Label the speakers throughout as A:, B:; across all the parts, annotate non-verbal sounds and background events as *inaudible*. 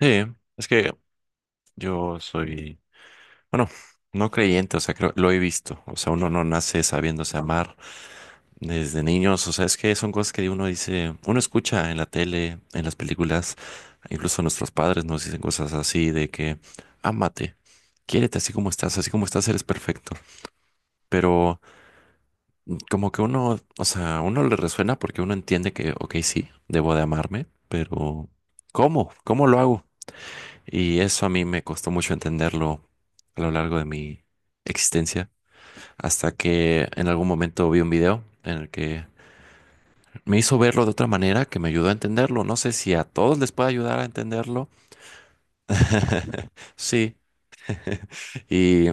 A: Sí, es que yo soy, bueno, no creyente, o sea, creo, lo he visto, o sea, uno no nace sabiéndose amar desde niños. O sea, es que son cosas que uno dice, uno escucha en la tele, en las películas, incluso nuestros padres nos dicen cosas así de que, ámate, quiérete así como estás eres perfecto, pero como que uno, o sea, uno le resuena porque uno entiende que, ok, sí, debo de amarme, pero ¿cómo? ¿Cómo lo hago? Y eso a mí me costó mucho entenderlo a lo largo de mi existencia, hasta que en algún momento vi un video en el que me hizo verlo de otra manera que me ayudó a entenderlo. No sé si a todos les puede ayudar a entenderlo. *laughs* Sí. Y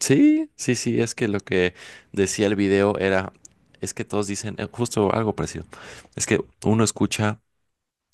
A: sí, sí, sí, es que lo que decía el video era, es que todos dicen justo algo parecido. Es que uno escucha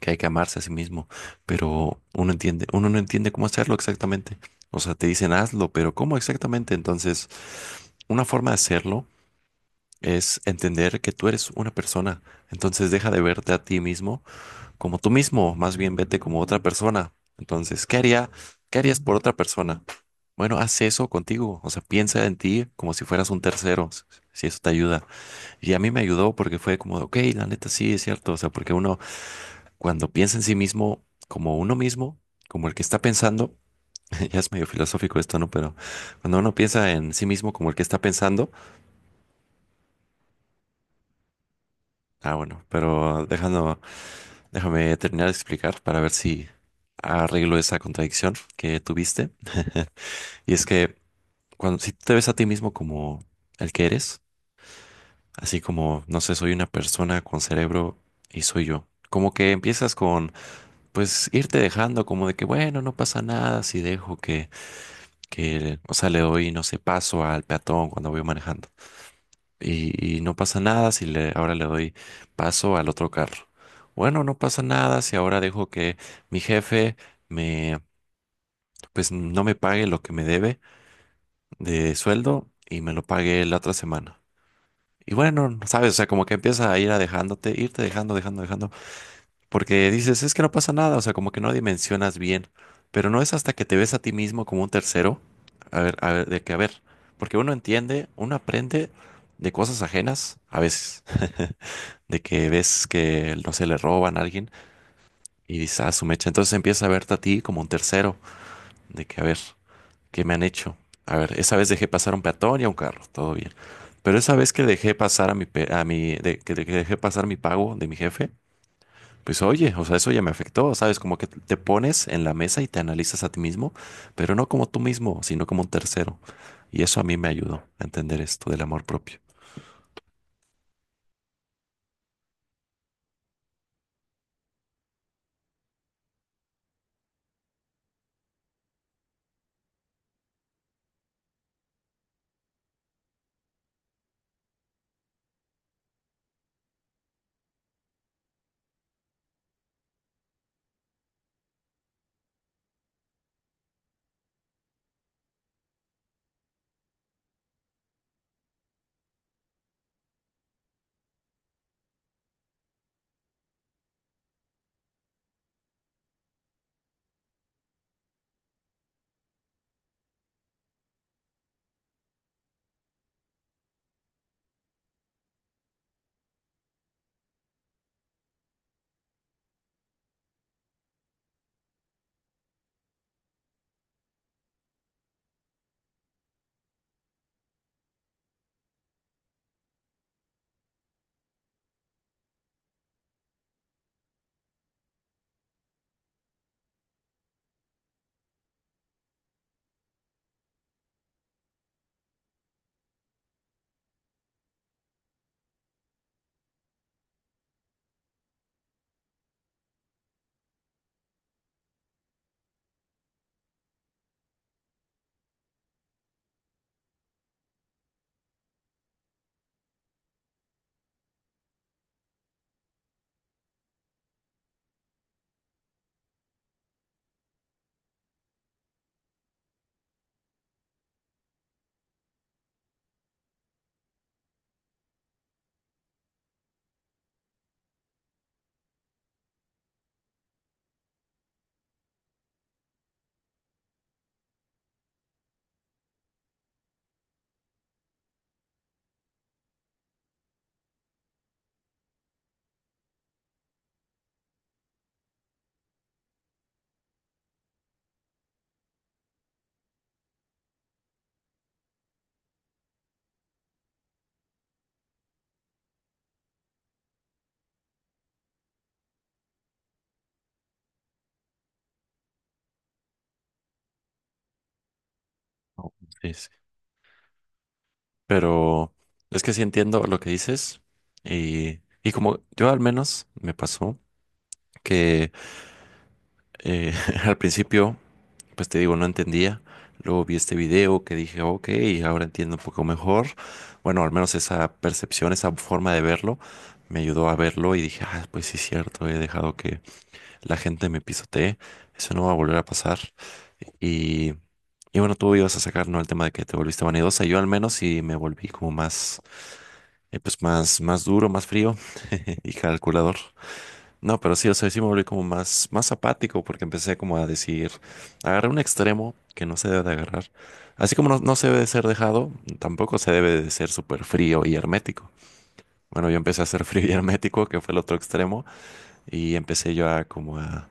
A: que hay que amarse a sí mismo, pero uno entiende, uno no entiende cómo hacerlo exactamente. O sea, te dicen hazlo, pero ¿cómo exactamente? Entonces, una forma de hacerlo es entender que tú eres una persona. Entonces, deja de verte a ti mismo como tú mismo, más bien vete como otra persona. Entonces, ¿qué haría, qué harías por otra persona? Bueno, haz eso contigo, o sea, piensa en ti como si fueras un tercero, si eso te ayuda. Y a mí me ayudó porque fue como, de, ok, la neta sí, es cierto, o sea, porque uno cuando piensa en sí mismo como uno mismo, como el que está pensando, *laughs* ya es medio filosófico esto, ¿no? Pero cuando uno piensa en sí mismo como el que está pensando, ah, bueno, pero dejando, déjame terminar de explicar para ver si arreglo esa contradicción que tuviste. Y es que cuando si tú te ves a ti mismo como el que eres, así como, no sé, soy una persona con cerebro y soy yo. Como que empiezas con, pues, irte dejando como de que, bueno, no pasa nada si dejo que, o sea, le doy, no sé, paso al peatón cuando voy manejando. Y no pasa nada si le, ahora le doy paso al otro carro. Bueno, no pasa nada si ahora dejo que mi jefe me, pues no me pague lo que me debe de sueldo y me lo pague la otra semana. Y bueno, sabes, o sea, como que empieza a ir a dejándote, irte dejando, dejando, dejando. Porque dices, es que no pasa nada, o sea, como que no dimensionas bien, pero no es hasta que te ves a ti mismo como un tercero, a ver, de que, a ver, porque uno entiende, uno aprende de cosas ajenas a veces, *laughs* de que ves que, no se le roban a alguien y dices, ah, su mecha, entonces empiezas a verte a ti como un tercero, de que, a ver, ¿qué me han hecho? A ver, esa vez dejé pasar a un peatón y a un carro, todo bien, pero esa vez que dejé pasar a mi, pe- a mi, de- que dejé pasar mi pago de mi jefe, pues oye, o sea, eso ya me afectó, ¿sabes? Como que te pones en la mesa y te analizas a ti mismo, pero no como tú mismo, sino como un tercero. Y eso a mí me ayudó a entender esto del amor propio. Oh, sí, sí. Pero es que sí entiendo lo que dices y como yo al menos me pasó que Eh, *laughs* al principio, pues te digo, no entendía. Luego vi este video que dije, ok, ahora entiendo un poco mejor. Bueno, al menos esa percepción, esa forma de verlo, me ayudó a verlo y dije, ah, pues sí es cierto, he dejado que la gente me pisotee. Eso no va a volver a pasar. Y, y bueno, tú ibas a sacar, ¿no? El tema de que te volviste vanidosa. Yo al menos sí me volví como más, pues más, más duro, más frío *laughs* y calculador. No, pero sí, o sea, sí me volví como más, más apático porque empecé como a decir, agarré un extremo que no se debe de agarrar. Así como no, no se debe de ser dejado, tampoco se debe de ser súper frío y hermético. Bueno, yo empecé a ser *laughs* frío y hermético, que fue el otro extremo, y empecé yo a como a,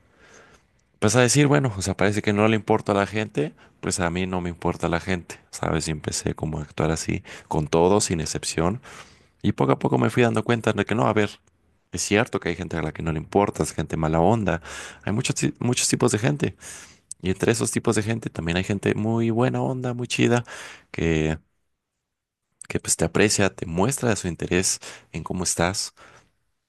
A: pues a decir, bueno, o sea, parece que no le importa a la gente, pues a mí no me importa la gente, ¿sabes? Y empecé como a actuar así con todo, sin excepción. Y poco a poco me fui dando cuenta de que no, a ver, es cierto que hay gente a la que no le importas, gente mala onda, hay muchos, ti- muchos tipos de gente. Y entre esos tipos de gente también hay gente muy buena onda, muy chida, que, que pues te aprecia, te muestra su interés en cómo estás.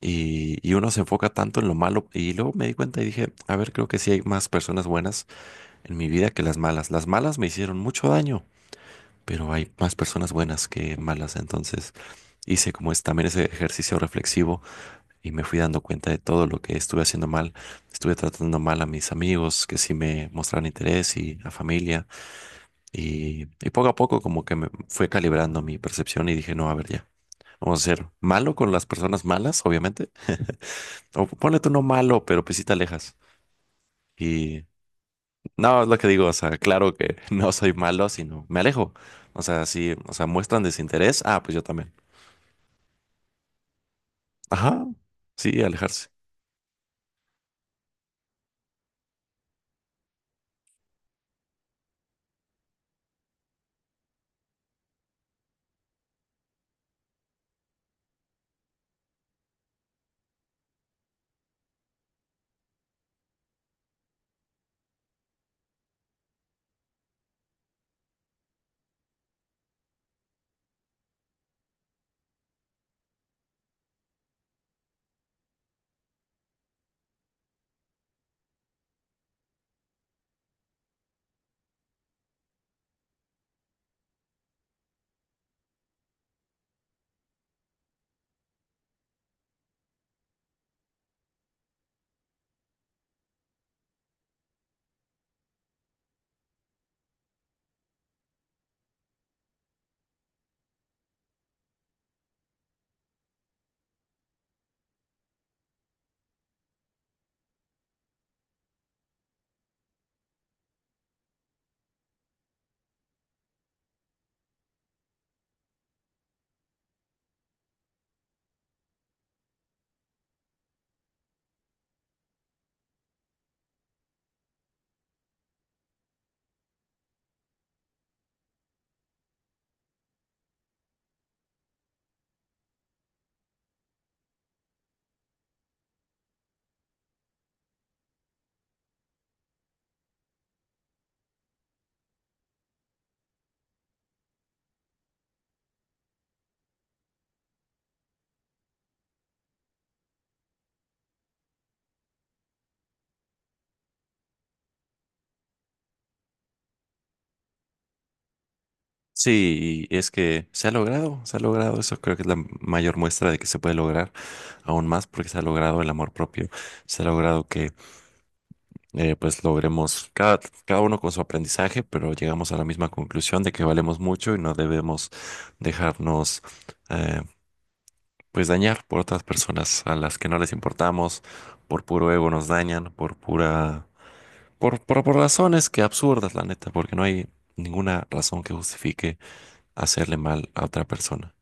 A: Y uno se enfoca tanto en lo malo. Y luego me di cuenta y dije, a ver, creo que sí hay más personas buenas en mi vida que las malas. Las malas me hicieron mucho daño, pero hay más personas buenas que malas. Entonces hice como es también ese ejercicio reflexivo y me fui dando cuenta de todo lo que estuve haciendo mal. Estuve tratando mal a mis amigos que sí me mostraron interés y a familia. Y poco a poco como que me fue calibrando mi percepción y dije, no, a ver ya. Vamos a ser malo con las personas malas, obviamente. O ponle tú no malo, pero pues sí te alejas. Y no, es lo que digo, o sea, claro que *laughs* no soy malo, sino me alejo. O sea, sí, o sea, muestran desinterés. Ah, pues yo también. Ajá, sí, alejarse. Sí, y es que se ha logrado, eso creo que es la mayor muestra de que se puede lograr aún más porque se ha logrado el amor propio, se ha logrado que pues logremos cada, cada uno con su aprendizaje, pero llegamos a la misma conclusión de que valemos mucho y no debemos dejarnos eh, pues dañar por otras personas a las que no les importamos, por puro ego nos dañan, por pura, por razones que absurdas, la neta, porque no hay ninguna razón que justifique hacerle mal a otra persona.